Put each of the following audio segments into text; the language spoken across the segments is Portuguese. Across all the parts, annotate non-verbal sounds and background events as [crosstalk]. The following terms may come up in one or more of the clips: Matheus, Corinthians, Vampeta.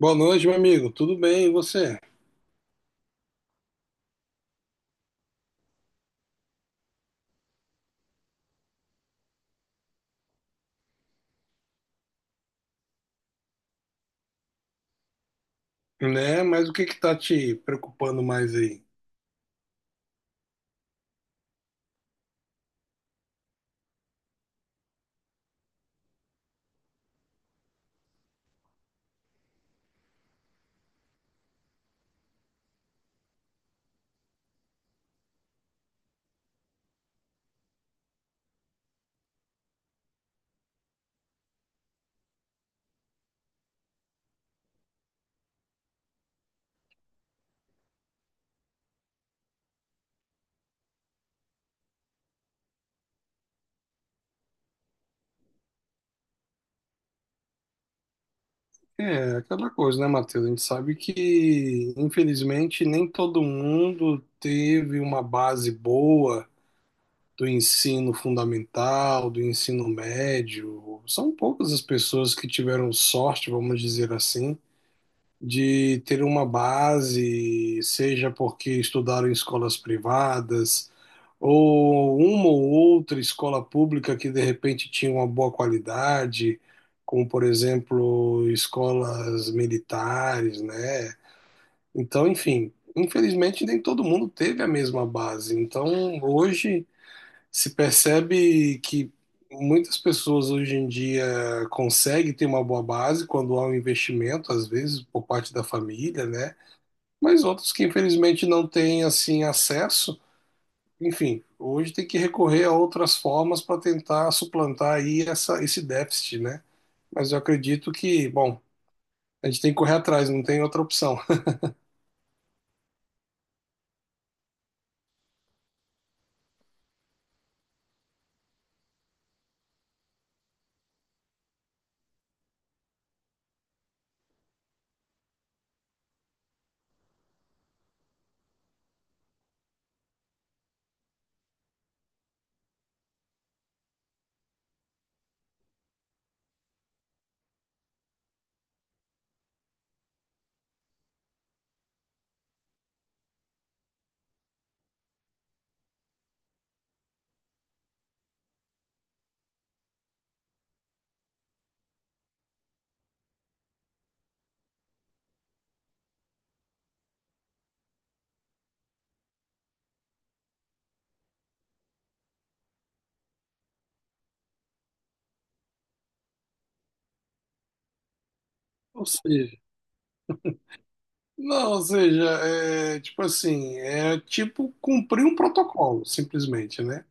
Boa noite, meu amigo. Tudo bem, e você? Né? Mas o que que tá te preocupando mais aí? É aquela coisa, né, Matheus? A gente sabe que, infelizmente, nem todo mundo teve uma base boa do ensino fundamental, do ensino médio. São poucas as pessoas que tiveram sorte, vamos dizer assim. De ter uma base, seja porque estudaram em escolas privadas, ou uma ou outra escola pública que de repente tinha uma boa qualidade, como por exemplo escolas militares, né? Então, enfim, infelizmente nem todo mundo teve a mesma base. Então, hoje se percebe que muitas pessoas hoje em dia conseguem ter uma boa base quando há um investimento, às vezes por parte da família, né? Mas outros que infelizmente não têm assim acesso, enfim, hoje tem que recorrer a outras formas para tentar suplantar aí essa, esse déficit, né? Mas eu acredito que, bom, a gente tem que correr atrás, não tem outra opção. [laughs] Ou seja, não, ou seja, é tipo assim, é tipo cumprir um protocolo, simplesmente, né?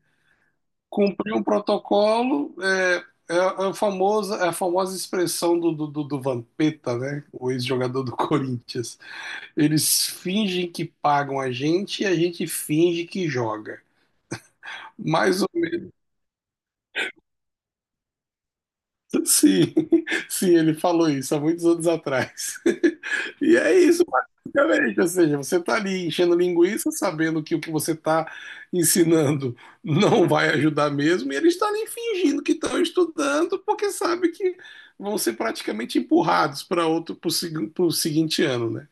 Cumpriu o protocolo, é a famosa expressão do Vampeta, né? O ex-jogador do [laughs] Corinthians. Eles fingem que pagam a gente e a gente finge que joga. Mais ou Sim, [laughs] sim, ele falou isso há muitos anos atrás. [laughs] E é isso, basicamente. Ou seja, você está ali enchendo linguiça, sabendo que o que você está ensinando não vai ajudar mesmo, e eles estão ali fingindo que estão estudando, porque sabe que vão ser praticamente empurrados para outro, para o seguinte ano, né?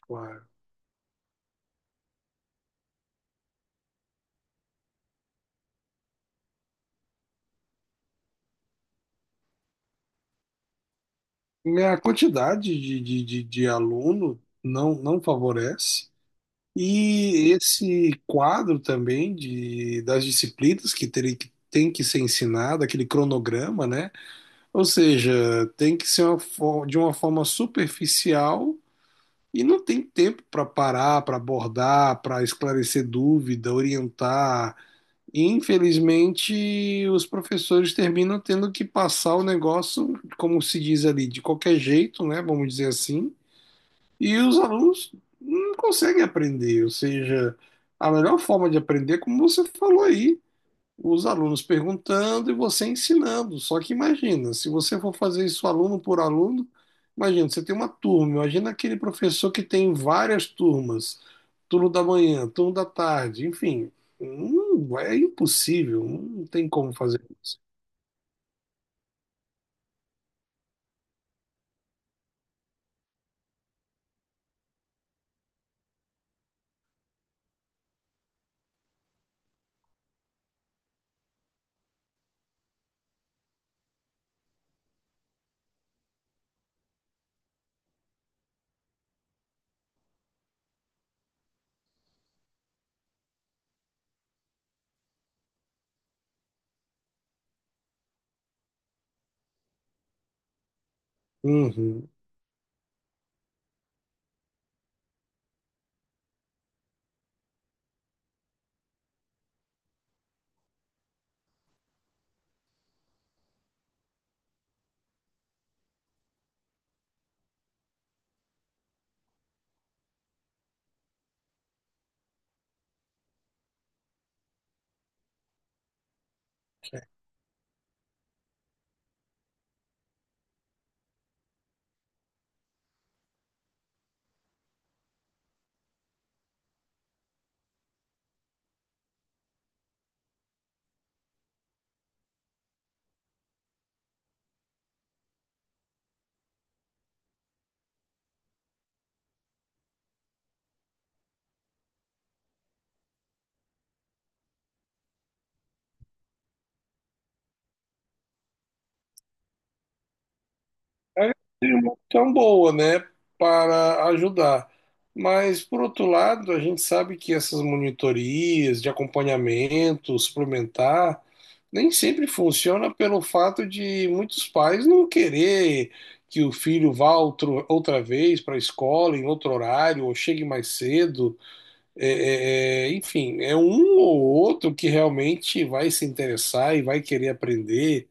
Claro. A quantidade de aluno não favorece. E esse quadro também de, das disciplinas que terem que tem que ser ensinada aquele cronograma, né? Ou seja, tem que ser de uma forma superficial e não tem tempo para parar, para abordar, para esclarecer dúvida, orientar. E, infelizmente, os professores terminam tendo que passar o negócio, como se diz ali, de qualquer jeito, né? Vamos dizer assim e os alunos não conseguem aprender, ou seja, a melhor forma de aprender, é como você falou aí, os alunos perguntando e você ensinando. Só que imagina, se você for fazer isso aluno por aluno, imagina, você tem uma turma, imagina aquele professor que tem várias turmas, turno da manhã, turno da tarde, enfim, hum, é impossível, não tem como fazer isso. Uhum. É uma opção boa, né, para ajudar. Mas, por outro lado, a gente sabe que essas monitorias de acompanhamento suplementar nem sempre funciona pelo fato de muitos pais não querer que o filho vá outra vez para a escola, em outro horário, ou chegue mais cedo. Enfim, é um ou outro que realmente vai se interessar e vai querer aprender.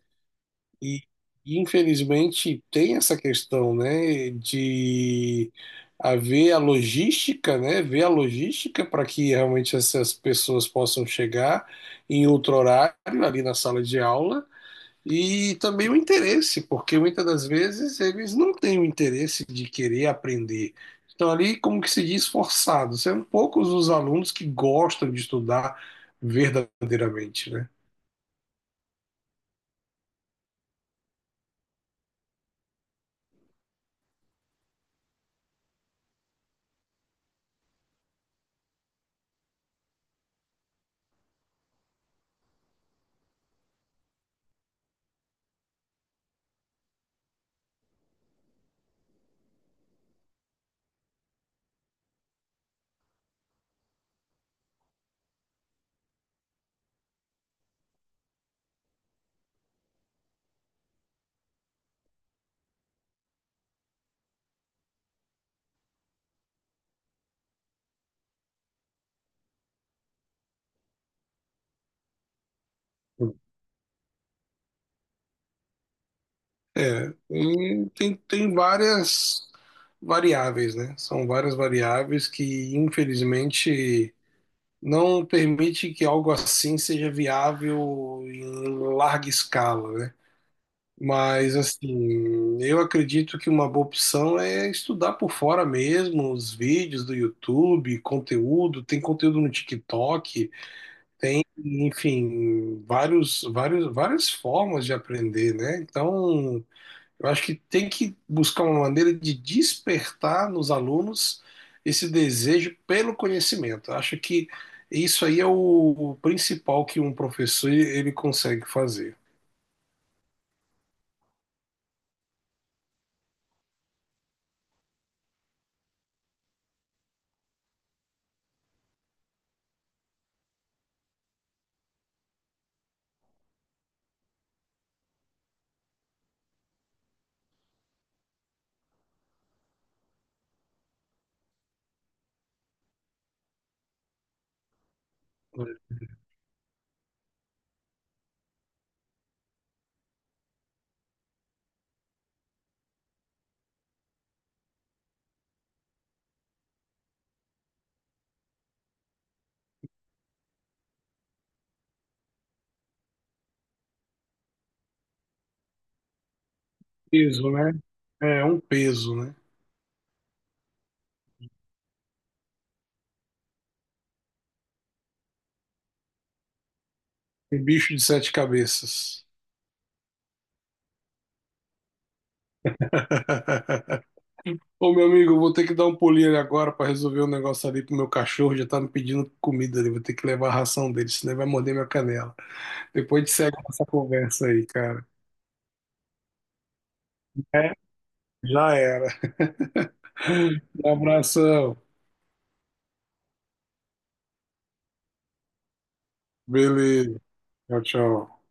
E, infelizmente tem essa questão, né, de haver a logística, né, ver a logística para que realmente essas pessoas possam chegar em outro horário ali na sala de aula e também o interesse, porque muitas das vezes eles não têm o interesse de querer aprender. Estão ali, como que se diz, forçados. São poucos os alunos que gostam de estudar verdadeiramente, né? É, e tem várias variáveis, né? São várias variáveis que, infelizmente, não permite que algo assim seja viável em larga escala, né? Mas, assim, eu acredito que uma boa opção é estudar por fora mesmo, os vídeos do YouTube, conteúdo, tem conteúdo no TikTok, enfim, várias formas de aprender, né? Então, eu acho que tem que buscar uma maneira de despertar nos alunos esse desejo pelo conhecimento. Eu acho que isso aí é o principal que um professor ele consegue fazer. Um Peso, né? É um peso, né? Um bicho de sete cabeças. [laughs] Ô, meu amigo, eu vou ter que dar um pulinho ali agora para resolver um negócio ali pro meu cachorro. Já tá me pedindo comida ali. Vou ter que levar a ração dele, senão ele vai morder minha canela. Depois a gente segue essa conversa aí, cara. É, já era. Um abração. Beleza. Tchau, tchau.